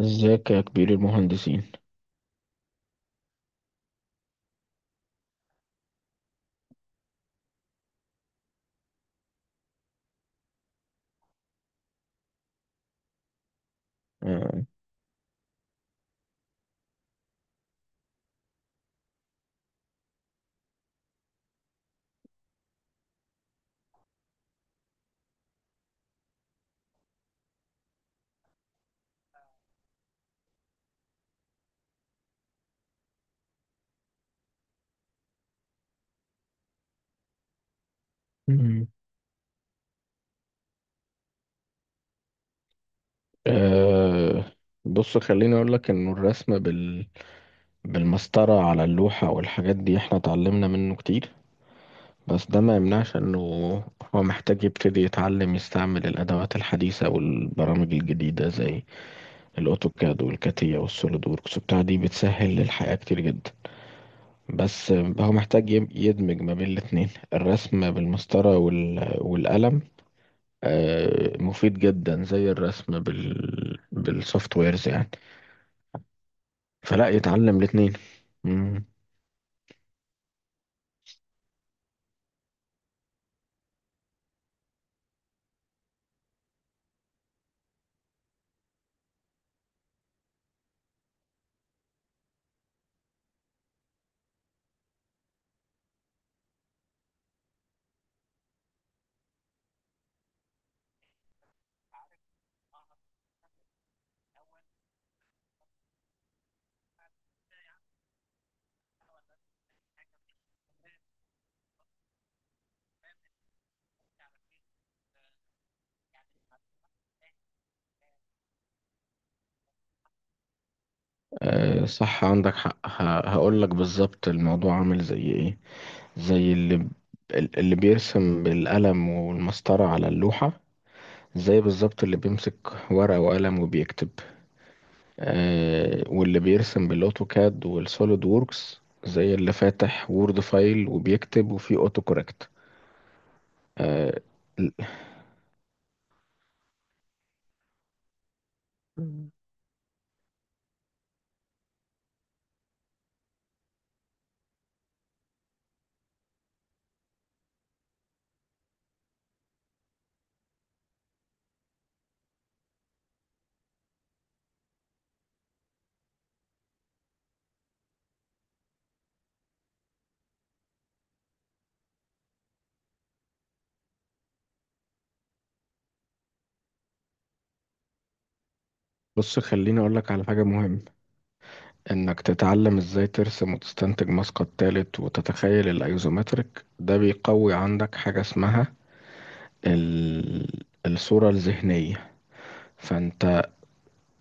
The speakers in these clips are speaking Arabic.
ازيك يا كبير المهندسين؟ آه. مم. آه. بص، خليني اقول لك انه الرسم بالمسطرة على اللوحة والحاجات دي احنا اتعلمنا منه كتير، بس ده ما يمنعش انه هو محتاج يبتدي يتعلم يستعمل الادوات الحديثة والبرامج الجديدة زي الاوتوكاد والكاتيا والسوليد ووركس، بتاع دي بتسهل الحياة كتير جدا. بس هو محتاج يدمج ما بين الاتنين، الرسم بالمسطرة والقلم مفيد جدا زي الرسم بالسوفت ويرز يعني، فلا يتعلم الاتنين. مم. آه، صح، عندك حق. هقول لك بالظبط الموضوع عامل زي ايه. زي اللي بيرسم بالقلم والمسطرة على اللوحة، زي بالظبط اللي بيمسك ورقة وقلم وبيكتب، واللي بيرسم بالاوتوكاد والسوليد ووركس زي اللي فاتح وورد فايل وبيكتب وفيه اوتو كوركت. آه، بص، خليني أقولك على حاجة مهمة. إنك تتعلم إزاي ترسم وتستنتج مسقط تالت وتتخيل الأيزومتريك، ده بيقوي عندك حاجة اسمها الصورة الذهنية. فأنت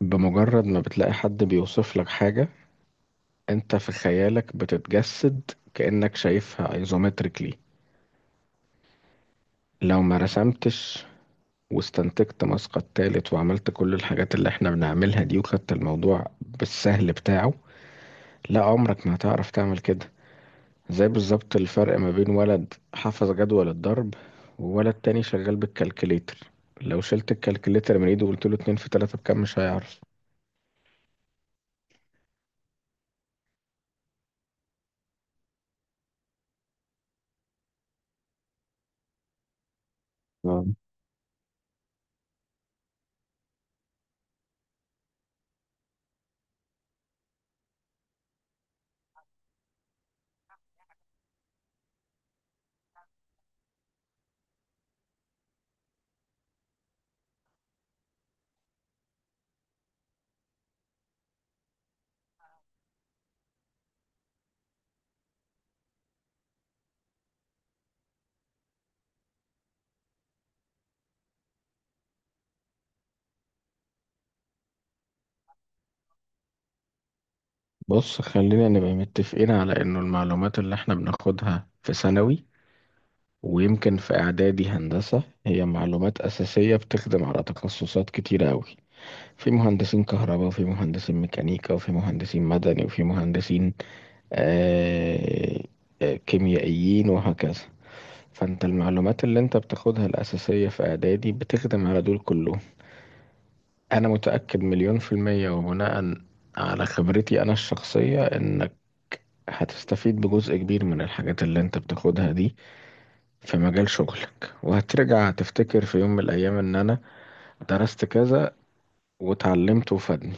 بمجرد ما بتلاقي حد بيوصف لك حاجة، أنت في خيالك بتتجسد كأنك شايفها أيزومتريكلي. لو ما رسمتش واستنتجت مسقط تالت وعملت كل الحاجات اللي احنا بنعملها دي، وخدت الموضوع بالسهل بتاعه، لا عمرك ما هتعرف تعمل كده. زي بالظبط الفرق ما بين ولد حفظ جدول الضرب، وولد تاني شغال بالكالكليتر. لو شلت الكالكليتر من ايده وقلت له اتنين في تلاتة بكام، مش هيعرف. آه. بص، خلينا نبقى متفقين على انه المعلومات اللي احنا بناخدها في ثانوي ويمكن في اعدادي هندسة، هي معلومات اساسية بتخدم على تخصصات كتيرة اوي. في مهندسين كهرباء، وفي مهندسين ميكانيكا، وفي مهندسين مدني، وفي مهندسين آه كيميائيين، وهكذا. فانت المعلومات اللي انت بتاخدها الأساسية في إعدادي بتخدم على دول كلهم. أنا متأكد مليون في المية، وبناء على خبرتي أنا الشخصية، إنك هتستفيد بجزء كبير من الحاجات اللي انت بتاخدها دي في مجال شغلك، وهترجع تفتكر في يوم من الأيام إن أنا درست كذا وتعلمته وفادني.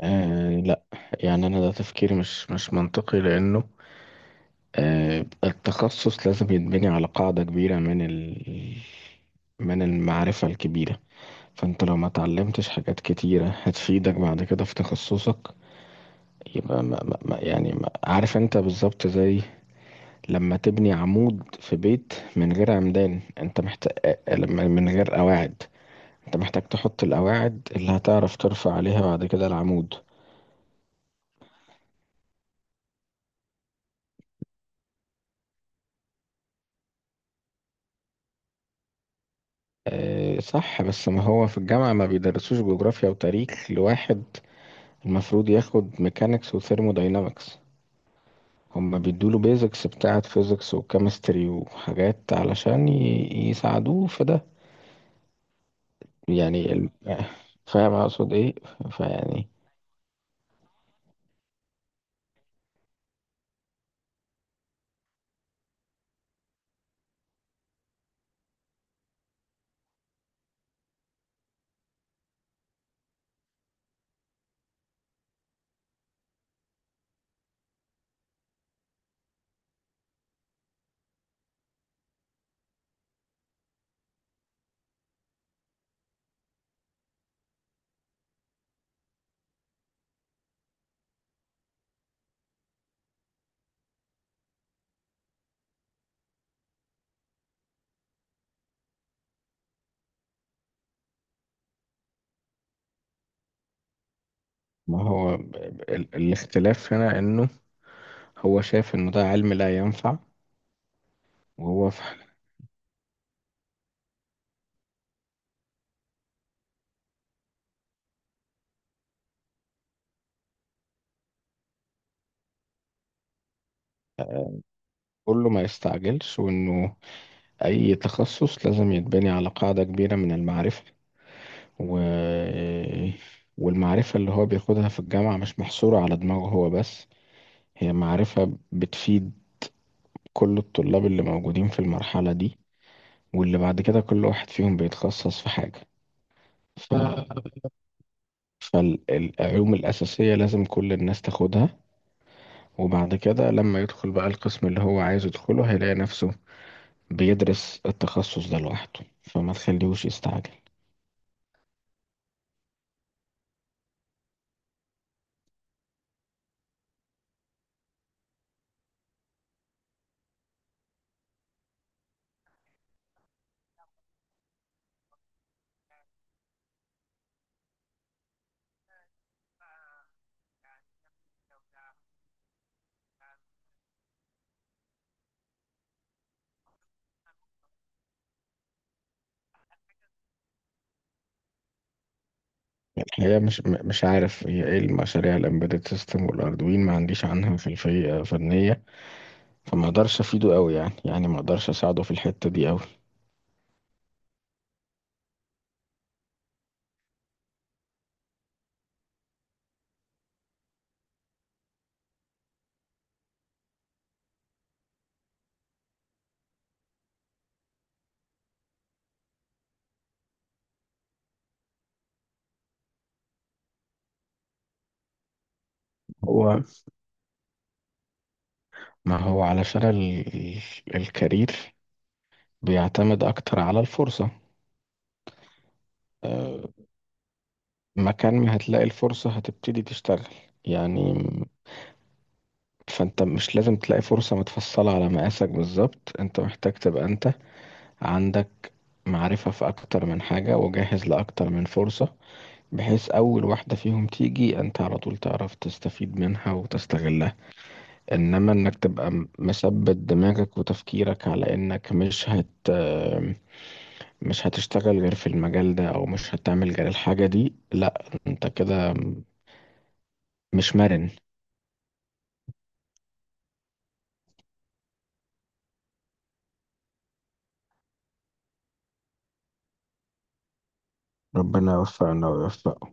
آه لا، يعني أنا ده تفكير مش منطقي، لأنه التخصص لازم يتبني على قاعدة كبيرة من من المعرفة الكبيرة. فانت لو ما اتعلمتش حاجات كتيرة هتفيدك بعد كده في تخصصك، يبقى ما يعني، ما عارف انت بالظبط، زي لما تبني عمود في بيت من غير عمدان، انت محتاج لما من غير قواعد، انت محتاج تحط القواعد اللي هتعرف ترفع عليها بعد كده العمود. اه صح، بس ما هو في الجامعة ما بيدرسوش جغرافيا وتاريخ لواحد المفروض ياخد ميكانيكس وثيرموداينامكس. هما بيدوله بيزكس بتاعة فيزيكس وكيمستري وحاجات علشان يساعدوه في ده. يعني فاهم اقصد ايه؟ فيعني ما هو الاختلاف هنا انه هو شايف انه ده علم لا ينفع. وهو ف- كله ما يستعجلش، وانه اي تخصص لازم يتبني على قاعدة كبيرة من المعرفة، و... والمعرفة اللي هو بياخدها في الجامعة مش محصورة على دماغه هو بس، هي معرفة بتفيد كل الطلاب اللي موجودين في المرحلة دي، واللي بعد كده كل واحد فيهم بيتخصص في حاجة. ف... فالعلوم الأساسية لازم كل الناس تاخدها، وبعد كده لما يدخل بقى القسم اللي هو عايز يدخله، هيلاقي نفسه بيدرس التخصص ده لوحده، فما تخليهوش يستعجل. الحقيقة مش عارف هي ايه المشاريع الامبيدد سيستم والاردوين، ما عنديش عنها في الفنية، فما اقدرش افيده قوي يعني، ما اقدرش اساعده في الحتة دي قوي. هو ما هو علشان الكارير بيعتمد أكتر على الفرصة. آه، مكان ما هتلاقي الفرصة هتبتدي تشتغل يعني. فأنت مش لازم تلاقي فرصة متفصلة على مقاسك بالظبط، أنت محتاج تبقى أنت عندك معرفة في أكتر من حاجة وجاهز لأكتر من فرصة، بحيث أول واحدة فيهم تيجي، أنت على طول تعرف تستفيد منها وتستغلها. إنما إنك تبقى مثبت دماغك وتفكيرك على إنك مش هتشتغل غير في المجال ده، او مش هتعمل غير الحاجة دي، لا انت كده مش مرن. ربنا يوفقنا ويوفقه.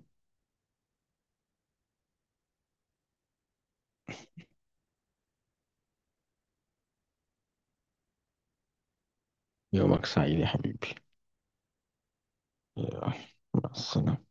يومك سعيد يا حبيبي. يلا، مع السلامة.